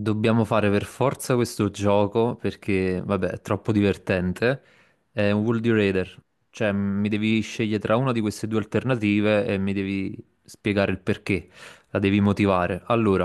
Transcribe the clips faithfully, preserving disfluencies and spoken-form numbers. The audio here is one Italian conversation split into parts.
Dobbiamo fare per forza questo gioco perché, vabbè, è troppo divertente. È un Would You Rather, cioè mi devi scegliere tra una di queste due alternative e mi devi spiegare il perché, la devi motivare. Allora,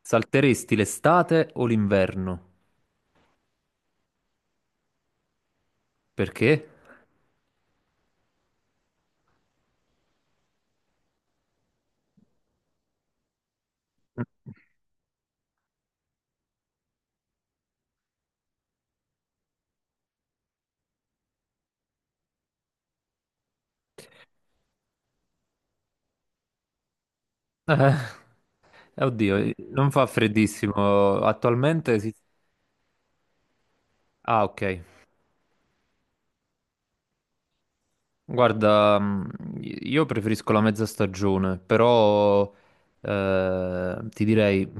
salteresti l'estate o l'inverno? Perché? Eh, Oddio, non fa freddissimo attualmente. si- Ah, ok. Guarda, mh, io preferisco la mezza stagione, però eh, ti direi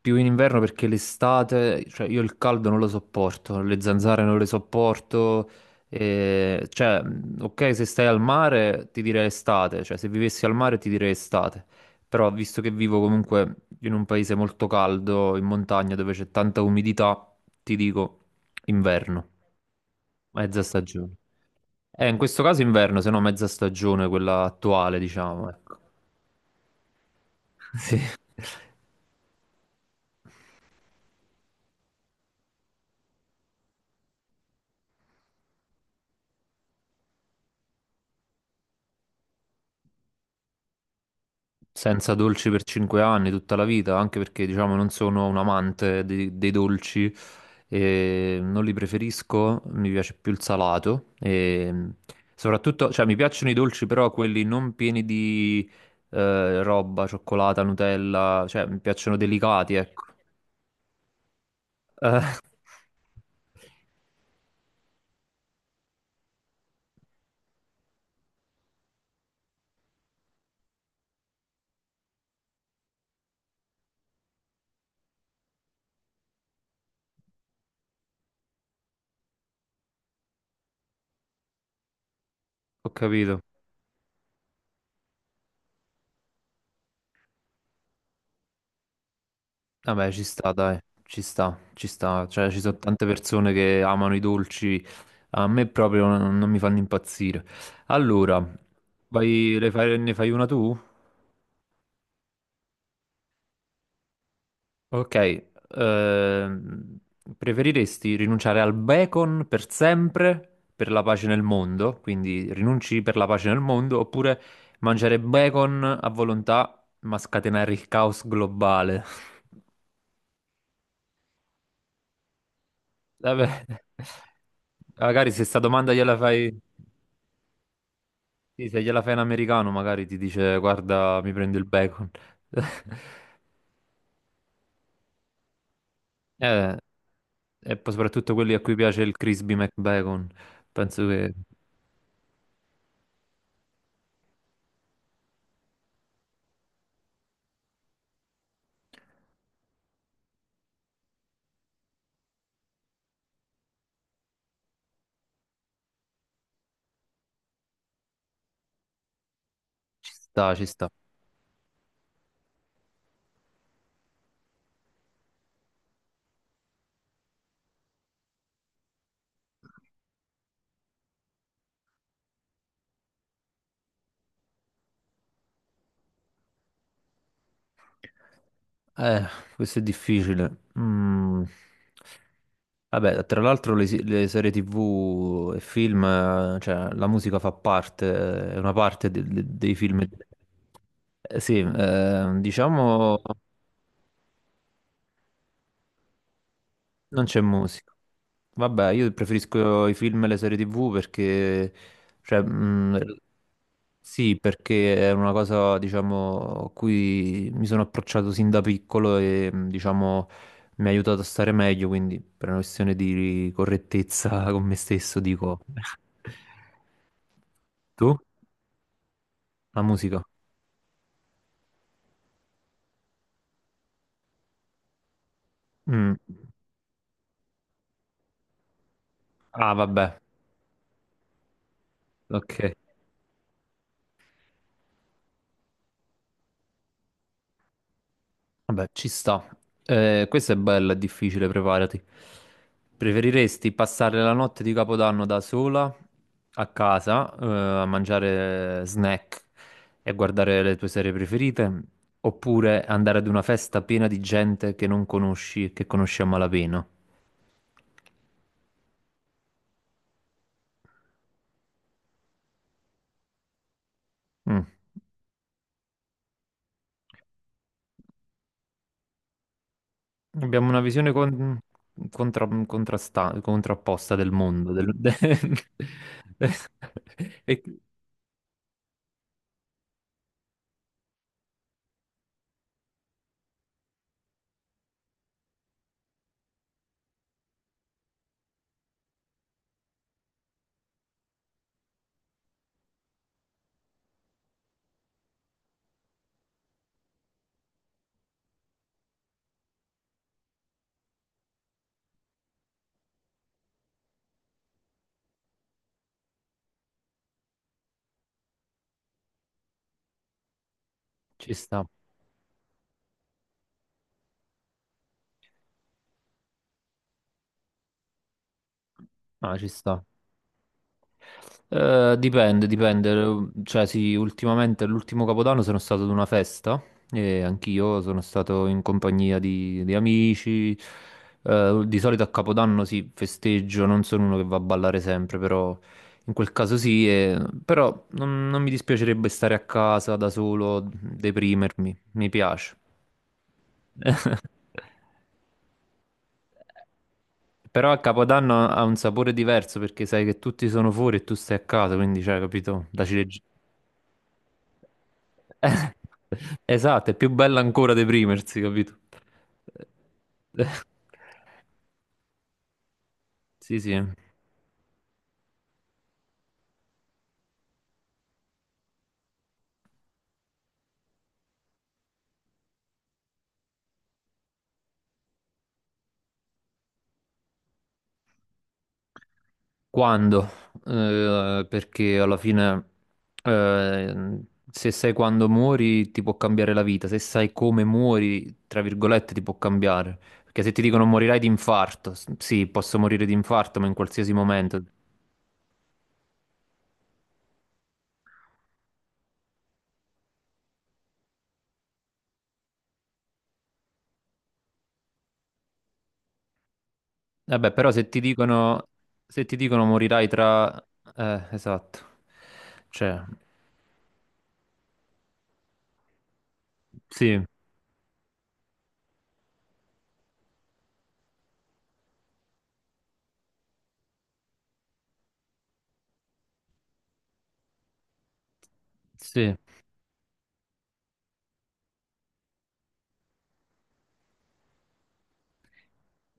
più in inverno perché l'estate, cioè io il caldo non lo sopporto, le zanzare non le sopporto, eh, cioè mh, ok se stai al mare ti direi estate, cioè se vivessi al mare ti direi estate, però visto che vivo comunque in un paese molto caldo, in montagna dove c'è tanta umidità, ti dico inverno, mezza stagione. Eh, in questo caso inverno, se no mezza stagione, quella attuale, diciamo, ecco. Sì. Senza dolci per cinque anni, tutta la vita, anche perché, diciamo, non sono un amante dei, dei dolci, e non li preferisco, mi piace più il salato, e soprattutto, cioè, mi piacciono i dolci, però quelli non pieni di eh, roba, cioccolata, Nutella, cioè, mi piacciono delicati, ecco. Eh, Ho capito. Vabbè, ci sta, dai, ci sta, ci sta. Cioè, ci sono tante persone che amano i dolci, a me proprio non, non mi fanno impazzire. Allora, vai- le fai- ne fai una tu? Ok, ehm, preferiresti rinunciare al bacon per sempre per la pace nel mondo? Quindi rinunci per la pace nel mondo, oppure mangiare bacon a volontà ma scatenare il caos globale? Vabbè, magari se sta domanda gliela fai. Sì, se gliela fai in americano magari ti dice guarda mi prendo il bacon. Eh, e poi soprattutto quelli a cui piace il crispy McBacon, penso che ci sta, ci sta. Eh, Questo è difficile. Mm. Vabbè, tra l'altro le, si- le serie T V e film, eh, cioè la musica fa parte, è una parte de- de- dei film. Eh, sì, eh, diciamo non c'è musica. Vabbè, io preferisco i film e le serie T V perché, cioè, mh, sì, perché è una cosa, diciamo, a cui mi sono approcciato sin da piccolo e, mh, diciamo, mi ha aiutato a stare meglio, quindi per una questione di correttezza con me stesso dico. Tu? La musica? Mm. Ah, vabbè, ok. Vabbè, ci sta. Eh, questa è bella, è difficile, preparati. Preferiresti passare la notte di Capodanno da sola a casa, eh, a mangiare snack e guardare le tue serie preferite, oppure andare ad una festa piena di gente che non conosci e che conosci a malapena? Mm. Abbiamo una visione con- contra- contrasta- contrapposta del mondo. del- E ci sta, ah, ci sta. Eh, dipende, dipende. Cioè, sì, ultimamente, l'ultimo Capodanno sono stato ad una festa e anch'io sono stato in compagnia di, di amici. Eh, di solito a Capodanno sì, festeggio, non sono uno che va a ballare sempre, però in quel caso sì. e- Però non, non mi dispiacerebbe stare a casa da solo, deprimermi, mi piace. Però a Capodanno ha un sapore diverso perché sai che tutti sono fuori e tu stai a casa, quindi, cioè, capito? La Eh, esatto, è più bella ancora deprimersi, capito? Eh, Sì, sì. Quando? Eh, perché alla fine, eh, se sai quando muori, ti può cambiare la vita. Se sai come muori, tra virgolette, ti può cambiare. Perché se ti dicono morirai di infarto, s- sì, posso morire di infarto, ma in qualsiasi momento. Vabbè, però se ti dicono, se ti dicono morirai tra. Eh, esatto. Cioè, sì. Sì.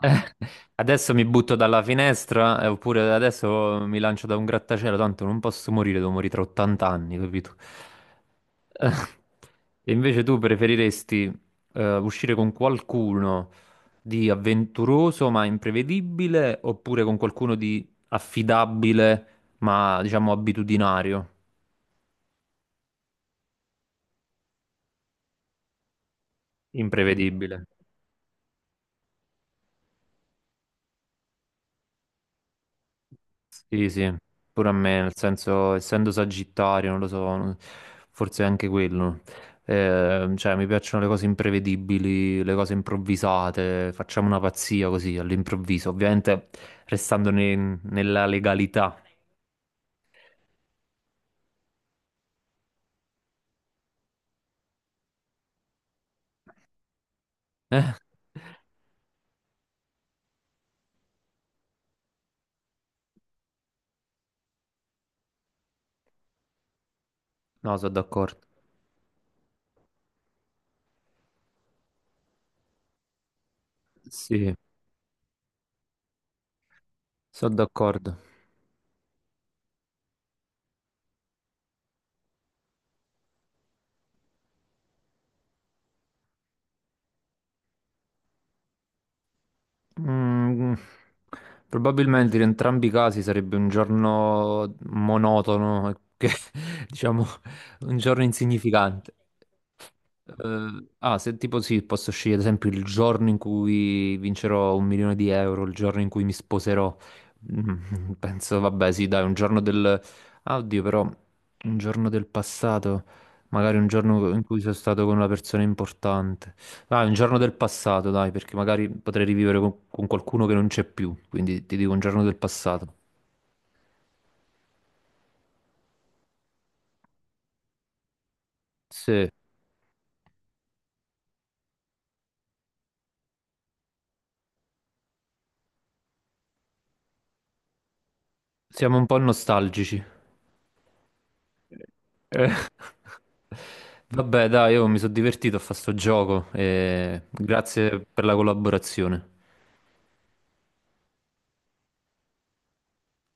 Eh, Adesso mi butto dalla finestra, eh, oppure adesso mi lancio da un grattacielo, tanto non posso morire, devo morire tra ottanta anni, capito? Eh, E invece tu preferiresti eh, uscire con qualcuno di avventuroso ma imprevedibile, oppure con qualcuno di affidabile ma diciamo abitudinario, imprevedibile? Sì, sì, pure a me, nel senso, essendo sagittario, non lo so, non- forse è anche quello. Eh, cioè, mi piacciono le cose imprevedibili, le cose improvvisate, facciamo una pazzia così all'improvviso, ovviamente restando ne- nella legalità. Eh? No, sono d'accordo. Sì, sono d'accordo. Mm, Probabilmente in entrambi i casi sarebbe un giorno monotono, che, diciamo, un giorno insignificante. Eh, ah, se tipo sì, posso scegliere ad esempio il giorno in cui vincerò un milione di euro, il giorno in cui mi sposerò. Mm, penso, vabbè, sì, dai, un giorno del. Ah, oddio, però, un giorno del passato, magari un giorno in cui sono stato con una persona importante. Dai, un giorno del passato, dai, perché magari potrei rivivere con, con, qualcuno che non c'è più, quindi ti dico un giorno del passato. Sì, siamo un po' nostalgici. Eh, Vabbè, dai, io mi sono divertito a fare sto gioco e grazie per la collaborazione.